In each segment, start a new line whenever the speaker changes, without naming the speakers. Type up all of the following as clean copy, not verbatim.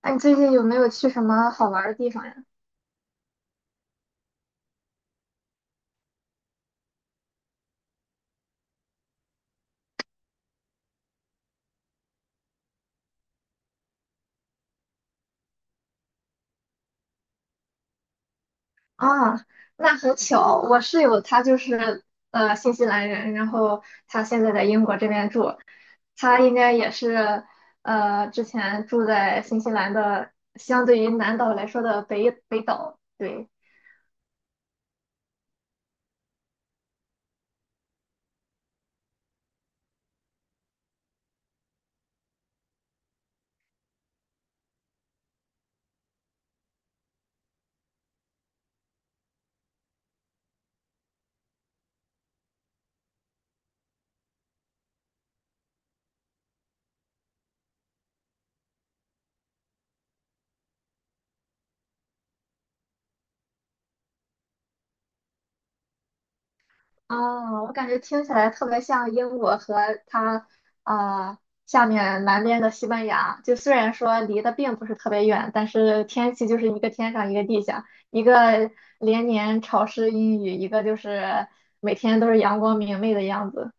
哎，你最近有没有去什么好玩儿的地方呀？啊，那很巧，我室友他就是新西兰人，然后他现在在英国这边住，他应该也是之前住在新西兰的相对于南岛来说的北岛，对。哦，我感觉听起来特别像英国和它啊、呃下面南边的西班牙。就虽然说离得并不是特别远，但是天气就是一个天上一个地下，一个连年潮湿阴雨，一个就是每天都是阳光明媚的样子。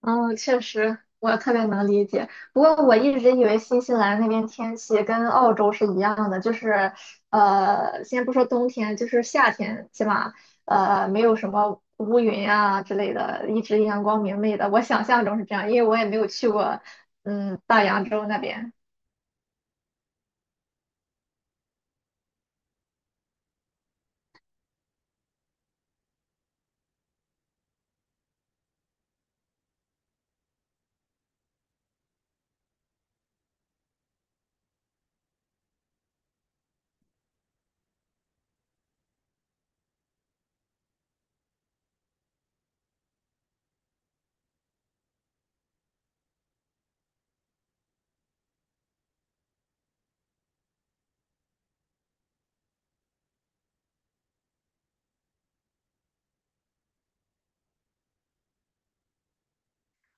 嗯，确实，我特别能理解。不过我一直以为新西兰那边天气跟澳洲是一样的，就是先不说冬天，就是夏天，起码没有什么乌云啊之类的，一直阳光明媚的。我想象中是这样，因为我也没有去过嗯大洋洲那边。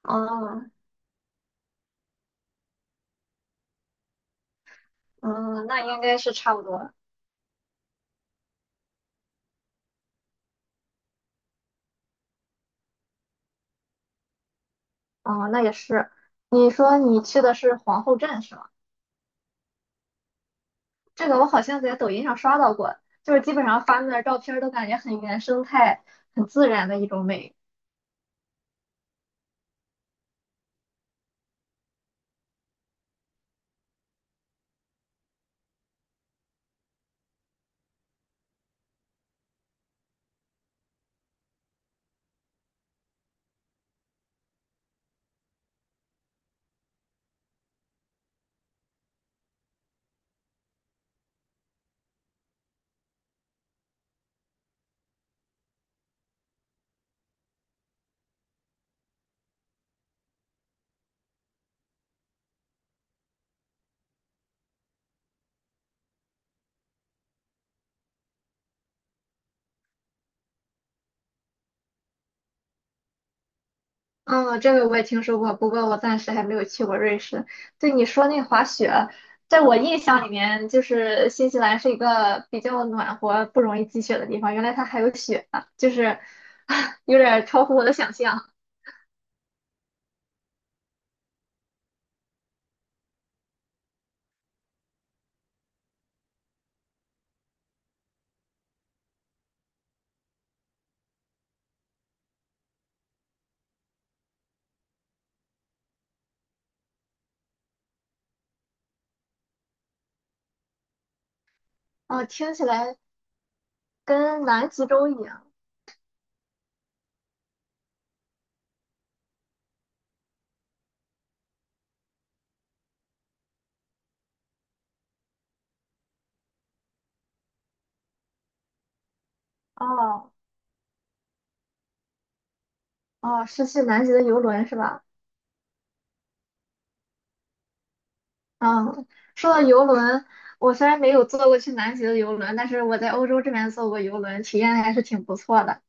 哦，嗯，那应该是差不多。哦，那也是。你说你去的是皇后镇是吗？这个我好像在抖音上刷到过，就是基本上发那照片儿都感觉很原生态、很自然的一种美。嗯，这个我也听说过，不过我暂时还没有去过瑞士。对你说那滑雪，在我印象里面，就是新西兰是一个比较暖和、不容易积雪的地方，原来它还有雪啊，就是 有点超乎我的想象。哦，听起来跟南极洲一样。哦哦，是去南极的游轮是吧？嗯，说到游轮，我虽然没有坐过去南极的游轮，但是我在欧洲这边坐过游轮，体验还是挺不错的。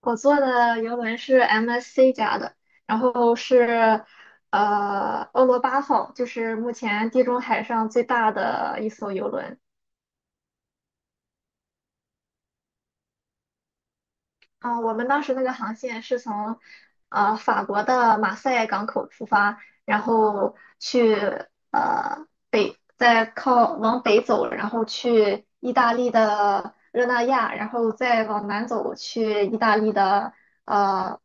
我坐的游轮是 MSC 家的，然后是欧罗巴号，就是目前地中海上最大的一艘游轮。啊、我们当时那个航线是从法国的马赛港口出发，然后去北，再靠往北走，然后去意大利的热那亚，然后再往南走去意大利的呃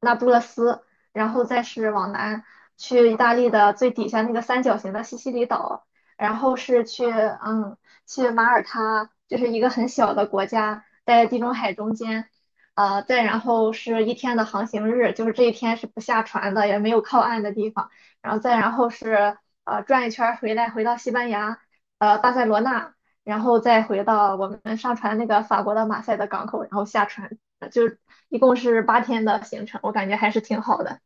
那不勒斯，然后再是往南去意大利的最底下那个三角形的西西里岛，然后是去嗯去马耳他，就是一个很小的国家，在地中海中间。呃，再然后是一天的航行日，就是这一天是不下船的，也没有靠岸的地方。然后再然后是转一圈儿回来，回到西班牙，巴塞罗那，然后再回到我们上船那个法国的马赛的港口，然后下船，就一共是八天的行程，我感觉还是挺好的。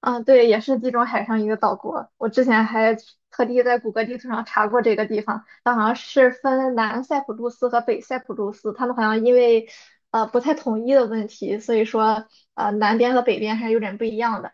嗯，对，也是地中海上一个岛国。我之前还特地在谷歌地图上查过这个地方，它好像是分南塞浦路斯和北塞浦路斯，他们好像因为不太统一的问题，所以说南边和北边还是有点不一样的。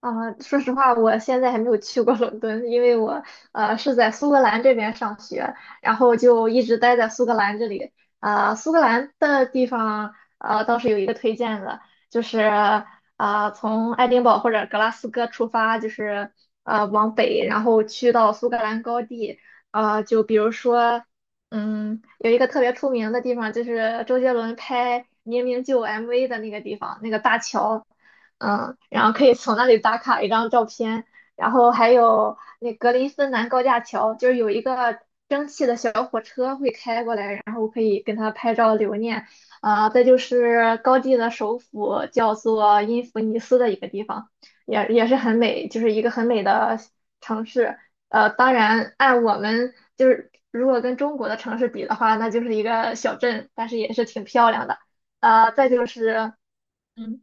啊，说实话，我现在还没有去过伦敦，因为我是在苏格兰这边上学，然后就一直待在苏格兰这里。啊、苏格兰的地方倒是有一个推荐的，就是啊、从爱丁堡或者格拉斯哥出发，就是往北，然后去到苏格兰高地。啊、就比如说，嗯，有一个特别出名的地方，就是周杰伦拍《明明就》MV 的那个地方，那个大桥。嗯，然后可以从那里打卡一张照片，然后还有那格林芬兰高架桥，就是有一个蒸汽的小火车会开过来，然后可以跟它拍照留念。啊、再就是高地的首府叫做因弗尼斯的一个地方，也是很美，就是一个很美的城市。呃，当然按我们就是如果跟中国的城市比的话，那就是一个小镇，但是也是挺漂亮的。呃，再就是。嗯。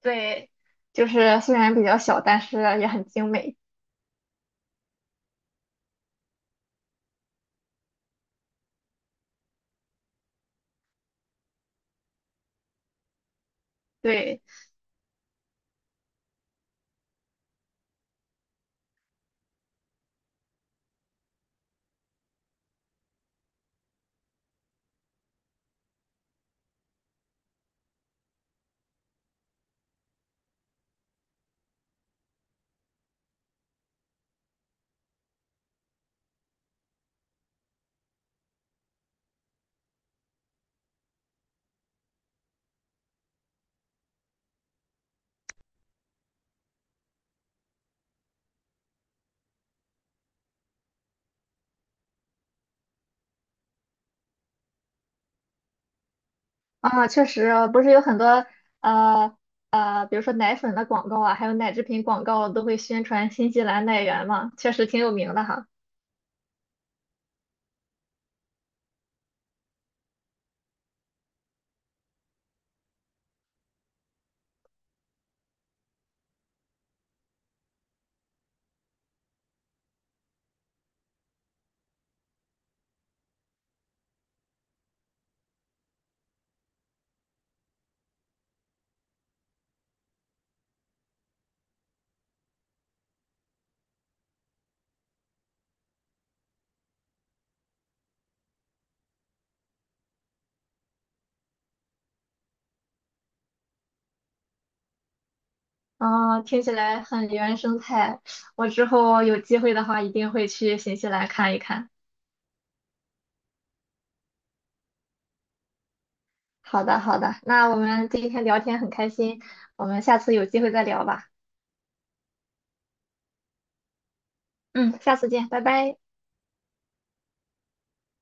对，就是虽然比较小，但是也很精美。对，啊，确实，不是有很多呃，比如说奶粉的广告啊，还有奶制品广告都会宣传新西兰奶源嘛，确实挺有名的哈。啊，听起来很原生态。我之后有机会的话，一定会去新西兰看一看。好的，好的，那我们今天聊天很开心，我们下次有机会再聊吧。嗯，下次见，拜拜。